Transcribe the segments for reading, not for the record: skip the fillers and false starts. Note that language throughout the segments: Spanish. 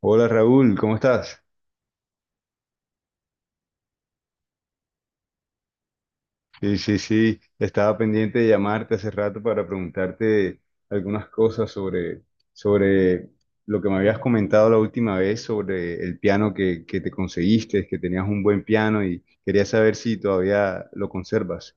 Hola Raúl, ¿cómo estás? Sí, sí, sí, estaba pendiente de llamarte hace rato para preguntarte algunas cosas sobre lo que me habías comentado la última vez sobre el piano que te conseguiste, que tenías un buen piano y quería saber si todavía lo conservas.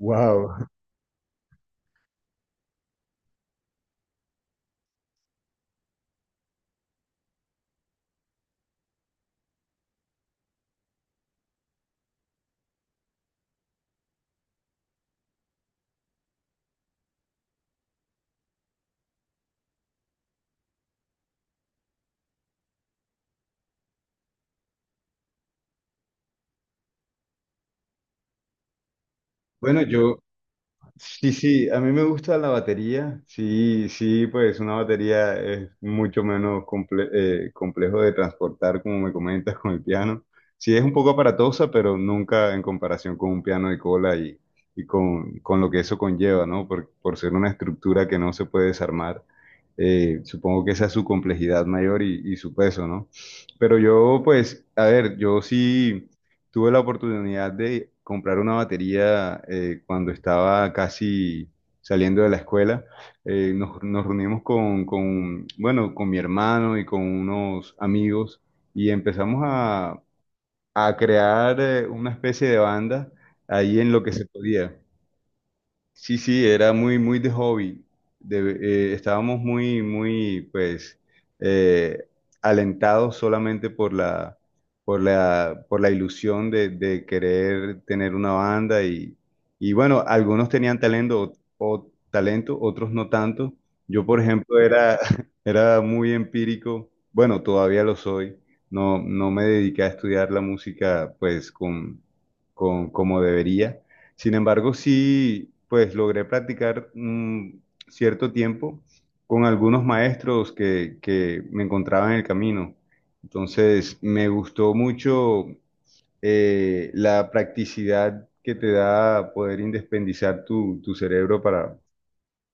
Wow. Bueno, yo, sí, sí, a mí me gusta la batería. Sí, sí, pues una batería es mucho menos complejo de transportar, como me comentas, con el piano. Sí, es un poco aparatosa, pero nunca en comparación con un piano de cola y con lo que eso conlleva, ¿no? Por ser una estructura que no se puede desarmar. Supongo que esa es su complejidad mayor y su peso, ¿no? Pero yo, pues, a ver, yo sí. Tuve la oportunidad de comprar una batería cuando estaba casi saliendo de la escuela. Nos reunimos bueno, con mi hermano y con unos amigos y empezamos a crear una especie de banda ahí en lo que se podía. Sí, sí, era muy, muy de hobby. De- Estábamos muy, muy, pues, eh, alentados solamente por la ilusión de querer tener una banda y bueno, algunos tenían talento o, talento, otros no tanto. Yo, por ejemplo, era, era muy empírico. Bueno, todavía lo soy. No, no me dediqué a estudiar la música, pues, como debería. Sin embargo, sí, pues logré practicar un cierto tiempo con algunos maestros que me encontraba en el camino. Entonces, me gustó mucho la practicidad que te da poder independizar tu cerebro para,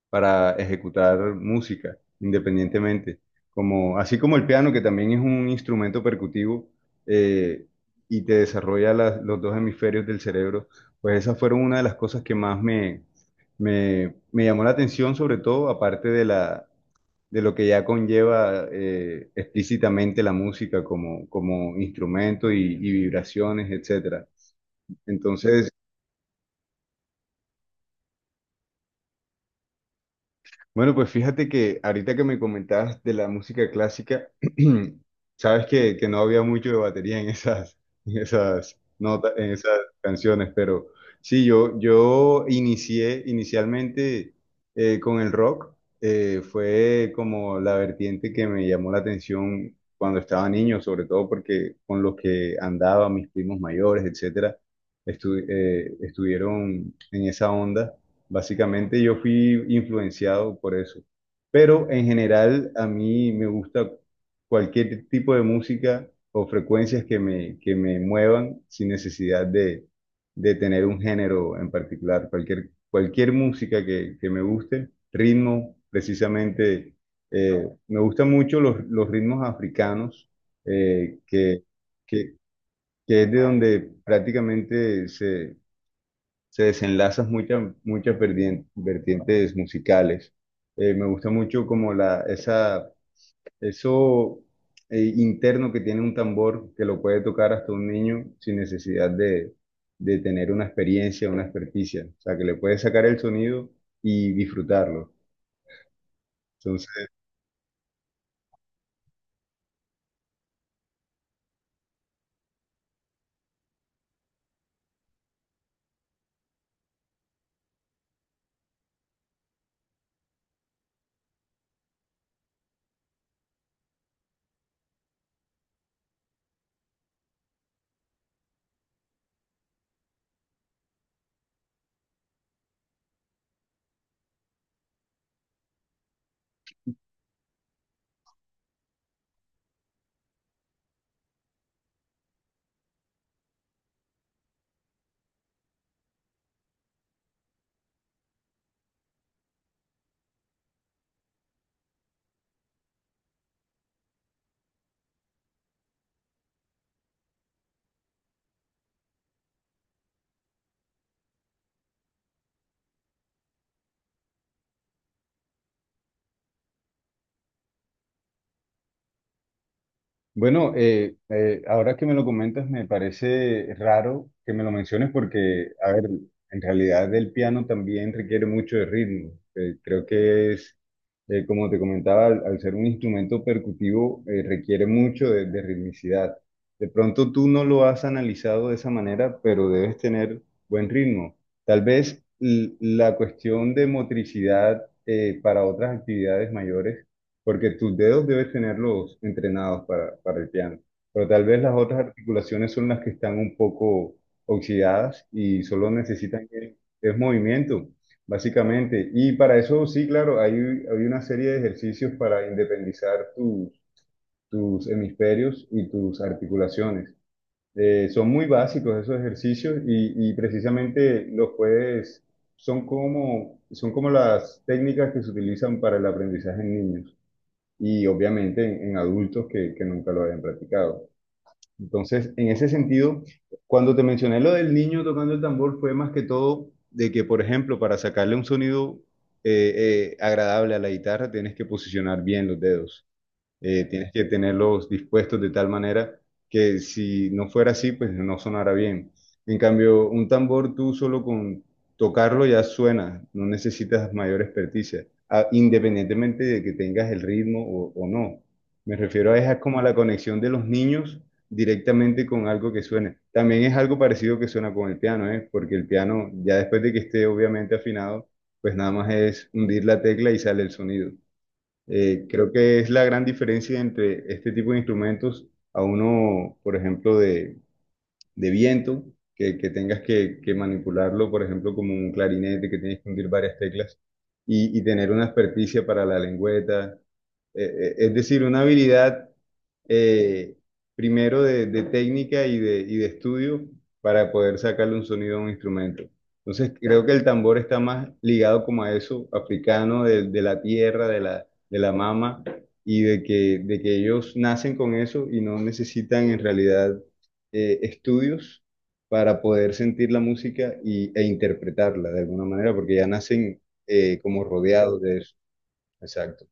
para ejecutar música independientemente. Como, así como el piano, que también es un instrumento percutivo eh, y te desarrolla los dos hemisferios del cerebro, pues esas fueron una de las cosas que más me llamó la atención, sobre todo aparte de la, de lo que ya conlleva explícitamente la música como, como instrumento y vibraciones, etcétera. Entonces, bueno, pues fíjate que ahorita que me comentabas de la música clásica, sabes que no había mucho de batería en esas, en esas notas, en esas canciones, pero sí, yo inicié inicialmente con el rock. Eh, fue como la vertiente que me llamó la atención cuando estaba niño, sobre todo porque con los que andaba, mis primos mayores, etcétera, estuvieron en esa onda. Básicamente yo fui influenciado por eso. Pero en general a mí me gusta cualquier tipo de música o frecuencias que me muevan sin necesidad de tener un género en particular. Cualquier, cualquier música que me guste, ritmo, precisamente. Eh, me gustan mucho los ritmos africanos, eh, que, que, que es de donde prácticamente se desenlazan muchas muchas vertientes musicales. Me gusta mucho como la, esa, eso interno que tiene un tambor que lo puede tocar hasta un niño sin necesidad de tener una experiencia, una experticia. O sea, que le puede sacar el sonido y disfrutarlo. Bueno, ahora que me lo comentas, me parece raro que me lo menciones porque, a ver, en realidad el piano también requiere mucho de ritmo. Creo que es, como te comentaba, al ser un instrumento percutivo, requiere mucho de ritmicidad. De pronto tú no lo has analizado de esa manera, pero debes tener buen ritmo. Tal vez la cuestión de motricidad, para otras actividades mayores, porque tus dedos debes tenerlos entrenados para el piano, pero tal vez las otras articulaciones son las que están un poco oxidadas y solo necesitan es movimiento, básicamente. Y para eso, sí, claro, hay una serie de ejercicios para independizar tus hemisferios y tus articulaciones. Son muy básicos esos ejercicios y precisamente los puedes, son como las técnicas que se utilizan para el aprendizaje en niños y obviamente en adultos que nunca lo hayan practicado. Entonces, en ese sentido, cuando te mencioné lo del niño tocando el tambor, fue más que todo de que, por ejemplo, para sacarle un sonido agradable a la guitarra, tienes que posicionar bien los dedos, tienes que tenerlos dispuestos de tal manera que si no fuera así, pues no sonara bien. En cambio, un tambor tú solo con tocarlo ya suena, no necesitas mayor experticia, independientemente de que tengas el ritmo o no. Me refiero a esa como a la conexión de los niños directamente con algo que suene. También es algo parecido que suena con el piano, ¿eh? Porque el piano, ya después de que esté obviamente afinado, pues nada más es hundir la tecla y sale el sonido. Creo que es la gran diferencia entre este tipo de instrumentos a uno, por ejemplo, de viento, que tengas que manipularlo, por ejemplo, como un clarinete, que tienes que hundir varias teclas, y tener una experticia para la lengüeta. Es decir, una habilidad, eh, primero de técnica y de estudio para poder sacarle un sonido a un instrumento. Entonces, creo que el tambor está más ligado como a eso, africano, de la tierra, de la mama, y de que ellos nacen con eso y no necesitan en realidad, estudios para poder sentir la música y, e interpretarla de alguna manera, porque ya nacen como rodeados de eso. Exacto.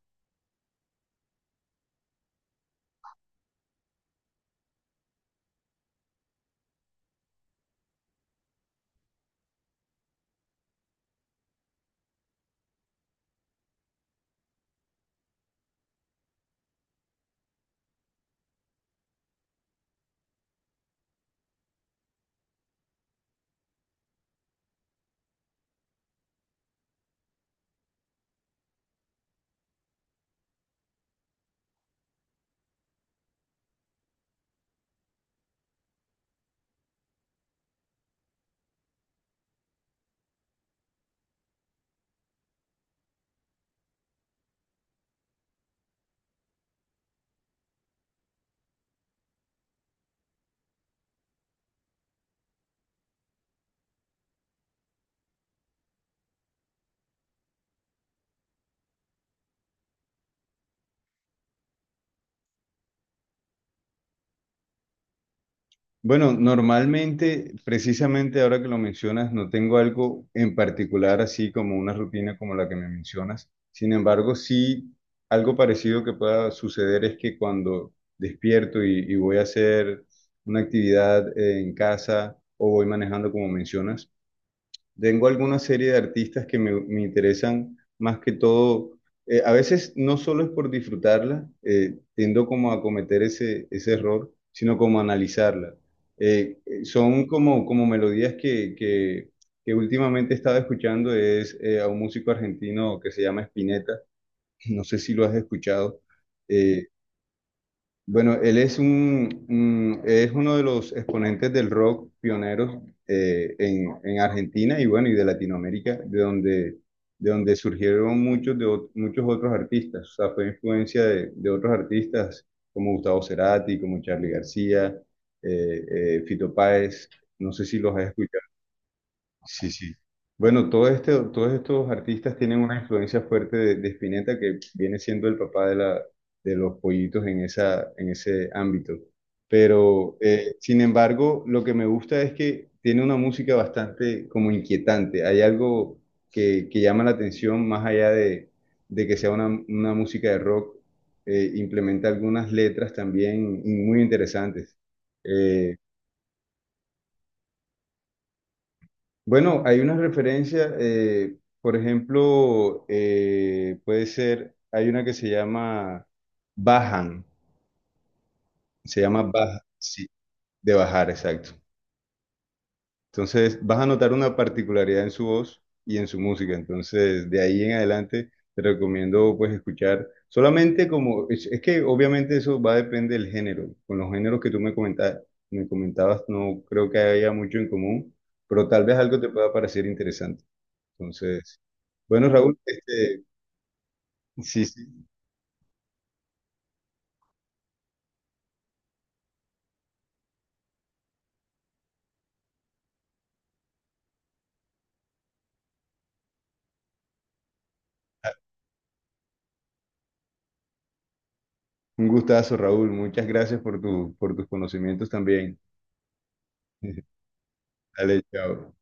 Bueno, normalmente, precisamente ahora que lo mencionas, no tengo algo en particular así como una rutina como la que me mencionas. Sin embargo, sí, algo parecido que pueda suceder es que cuando despierto y voy a hacer una actividad, en casa o voy manejando como mencionas, tengo alguna serie de artistas me interesan más que todo. Eh, a veces no solo es por disfrutarla, tiendo como a cometer ese, ese error, sino como a analizarla. Son como, como melodías que últimamente he estado escuchando, es a un músico argentino que se llama Spinetta, no sé si lo has escuchado. Eh, bueno, él es es uno de los exponentes del rock pioneros, en Argentina y bueno, y de Latinoamérica, de donde surgieron muchos, muchos otros artistas. O sea, fue influencia de otros artistas como Gustavo Cerati, como Charly García, eh, Fito Páez. No sé si los has escuchado. Sí, sí. Bueno, todo este, todos estos artistas tienen una influencia fuerte de Spinetta, que viene siendo el papá de, la, de los pollitos en, esa, en ese ámbito. Pero, sin embargo, lo que me gusta es que tiene una música bastante como inquietante. Hay algo que llama la atención más allá de que sea una música de rock. Eh, implementa algunas letras también muy interesantes. Eh, Bueno, hay una referencia, por ejemplo, puede ser, hay una que se llama Bajan, se llama Baja, sí, de bajar, exacto. Entonces, vas a notar una particularidad en su voz y en su música. Entonces, de ahí en adelante, te recomiendo pues escuchar solamente como, es que obviamente eso va a depender del género. Con los géneros que tú me comentabas, no creo que haya mucho en común, pero tal vez algo te pueda parecer interesante. Entonces, bueno, Raúl, este, sí, sí, un gustazo, Raúl. Muchas gracias por tu, por tus conocimientos también. Dale, chao.